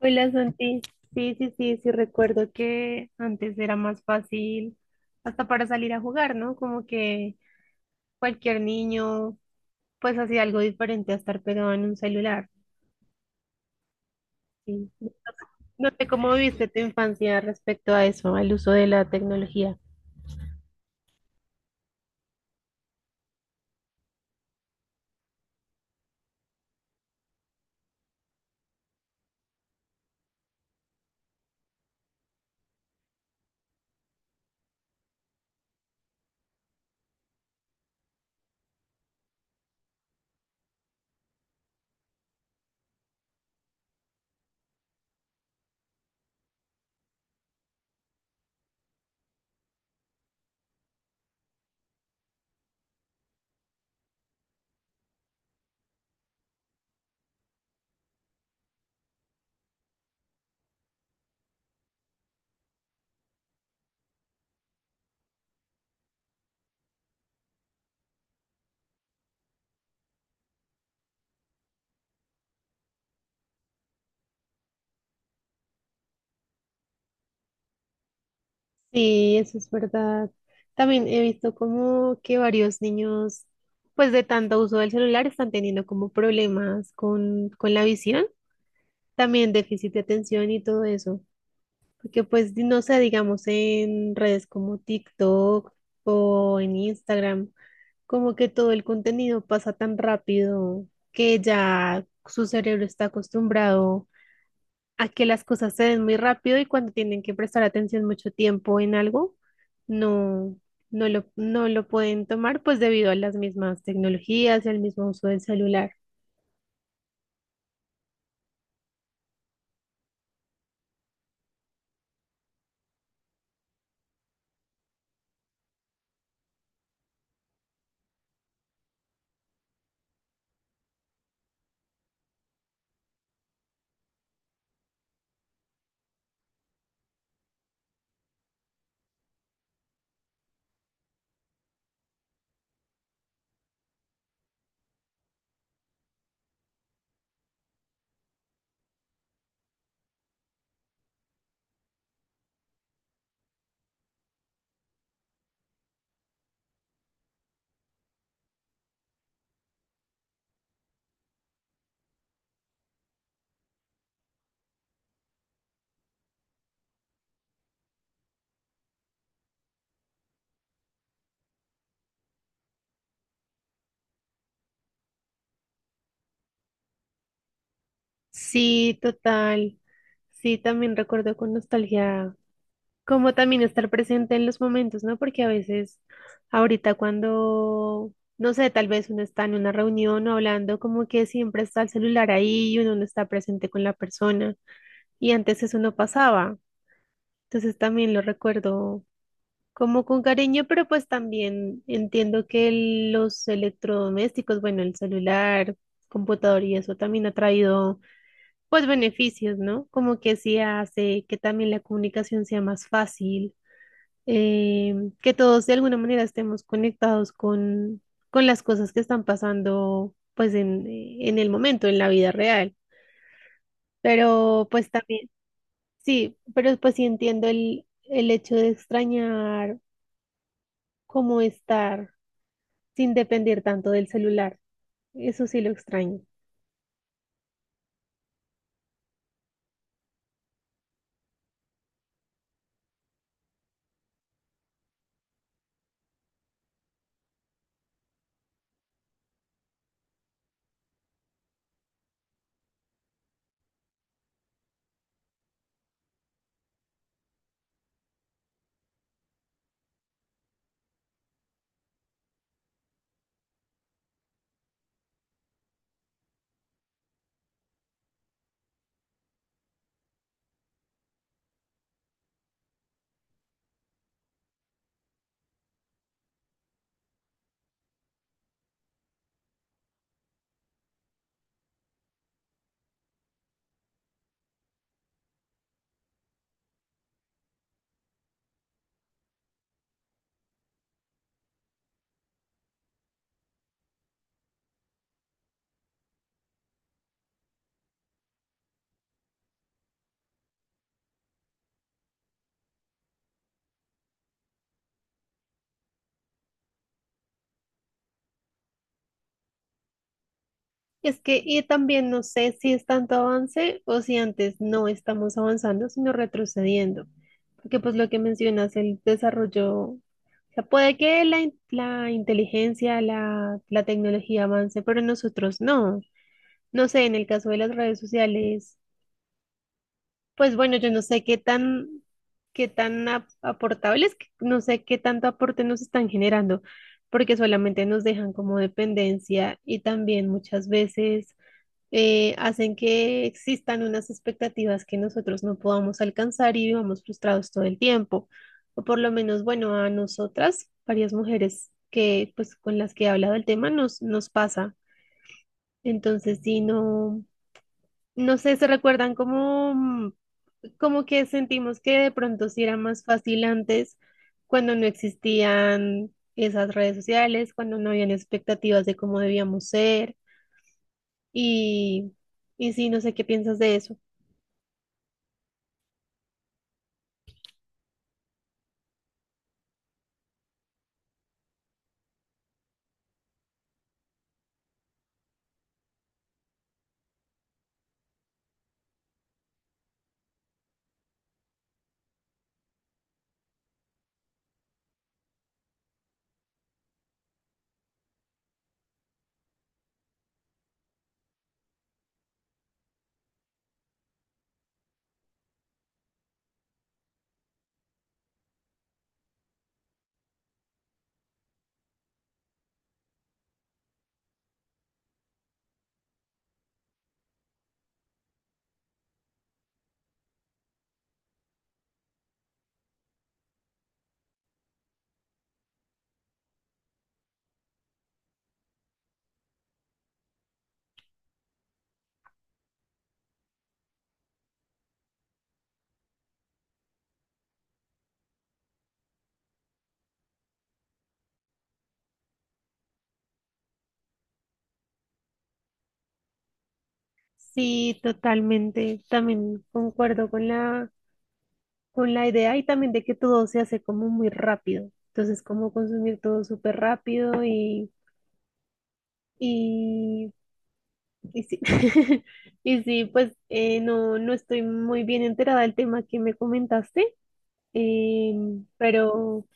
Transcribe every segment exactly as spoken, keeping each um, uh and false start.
Hola Santi, sí, sí, sí, sí recuerdo que antes era más fácil hasta para salir a jugar, ¿no? Como que cualquier niño pues hacía algo diferente a estar pegado en un celular. Sí. No sé cómo viviste tu infancia respecto a eso, al uso de la tecnología. Sí, eso es verdad. También he visto como que varios niños pues de tanto uso del celular están teniendo como problemas con, con la visión, también déficit de atención y todo eso. Porque pues, di- no sé, digamos en redes como TikTok o en Instagram, como que todo el contenido pasa tan rápido que ya su cerebro está acostumbrado a que las cosas se den muy rápido y cuando tienen que prestar atención mucho tiempo en algo, no, no lo, no lo pueden tomar pues debido a las mismas tecnologías y al mismo uso del celular. Sí, total. Sí, también recuerdo con nostalgia como también estar presente en los momentos, ¿no? Porque a veces ahorita cuando, no sé, tal vez uno está en una reunión o hablando, como que siempre está el celular ahí y uno no está presente con la persona. Y antes eso no pasaba. Entonces también lo recuerdo como con cariño, pero pues también entiendo que el- los electrodomésticos, bueno, el celular, computador y eso también ha traído pues beneficios, ¿no? Como que sí hace que también la comunicación sea más fácil eh, que todos de alguna manera estemos conectados con, con las cosas que están pasando pues en, en el momento, en la vida real. Pero pues también, sí, pero pues sí entiendo el, el hecho de extrañar cómo estar sin depender tanto del celular. Eso sí lo extraño. Es que, y también no sé si es tanto avance o si antes no estamos avanzando, sino retrocediendo. Porque pues lo que mencionas, el desarrollo, o sea, puede que la, in- la inteligencia, la, la tecnología avance, pero nosotros no. No sé, en el caso de las redes sociales, pues bueno, yo no sé qué tan, qué tan ap- aportables, que- no sé qué tanto aporte nos están generando, porque solamente nos dejan como dependencia y también muchas veces eh, hacen que existan unas expectativas que nosotros no podamos alcanzar y vivamos frustrados todo el tiempo. O por lo menos, bueno, a nosotras, varias mujeres que, pues, con las que he hablado el tema, nos, nos pasa. Entonces, si no, no sé, se recuerdan como, mm, como que sentimos que de pronto sí era más fácil antes, cuando no existían esas redes sociales, cuando no habían expectativas de cómo debíamos ser. Y, y sí, no sé qué piensas de eso. Sí, totalmente. También concuerdo con la, con la idea y también de que todo se hace como muy rápido. Entonces, como consumir todo súper rápido y, y, y sí. Y sí, pues eh, no, no estoy muy bien enterada del tema que me comentaste, eh, pero,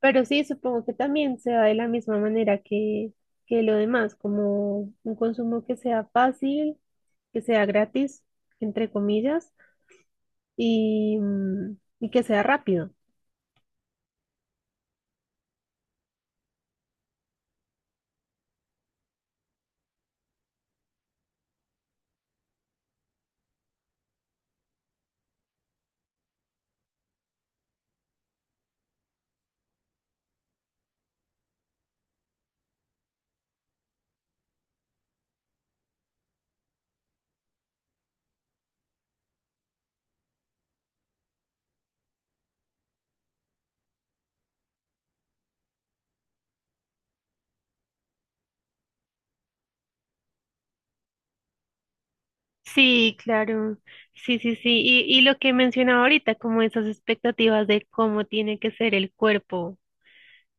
pero sí, supongo que también se da de la misma manera que, que lo demás, como un consumo que sea fácil, que sea gratis, entre comillas y, y que sea rápido. Sí, claro. Sí, sí, sí. Y, y lo que mencionaba ahorita, como esas expectativas de cómo tiene que ser el cuerpo,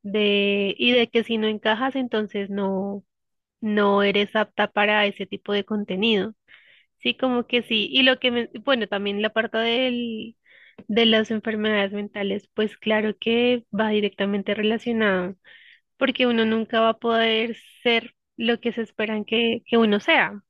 de, y de que si no encajas, entonces no, no eres apta para ese tipo de contenido. Sí, como que sí. Y lo que, men- bueno, también la parte del, de las enfermedades mentales, pues claro que va directamente relacionado, porque uno nunca va a poder ser lo que se esperan que, que uno sea.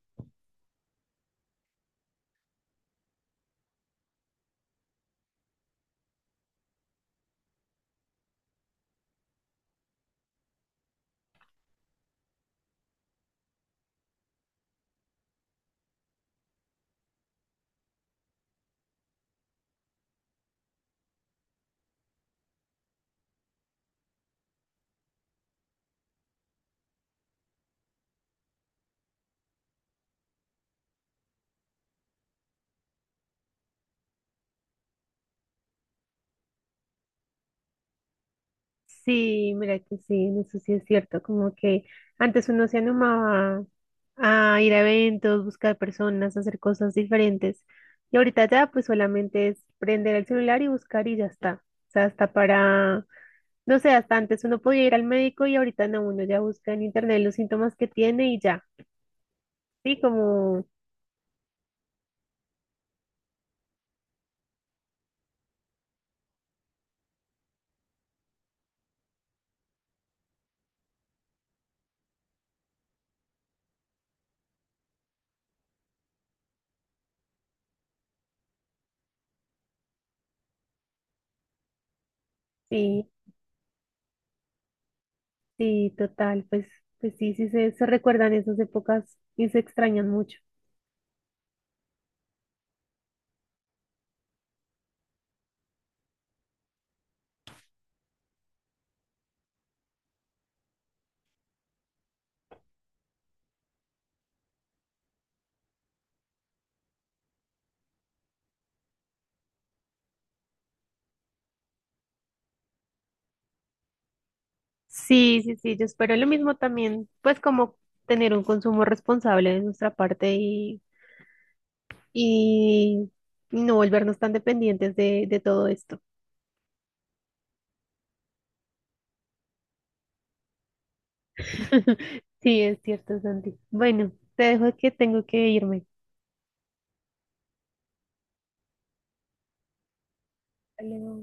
Sí, mira que sí, en eso sí es cierto, como que antes uno se animaba a ir a eventos, buscar personas, hacer cosas diferentes. Y ahorita ya pues solamente es prender el celular y buscar y ya está. O sea, hasta para, no sé, hasta antes uno podía ir al médico y ahorita no, uno ya busca en internet los síntomas que tiene y ya. Sí, como, sí, sí, total, pues, pues sí, sí se, se recuerdan esas épocas y se extrañan mucho. Sí, sí, sí, yo espero lo mismo también, pues como tener un consumo responsable de nuestra parte y, y no volvernos tan dependientes de, de todo esto. Sí, es cierto, Santi. Bueno, te dejo que tengo que irme. Hasta luego.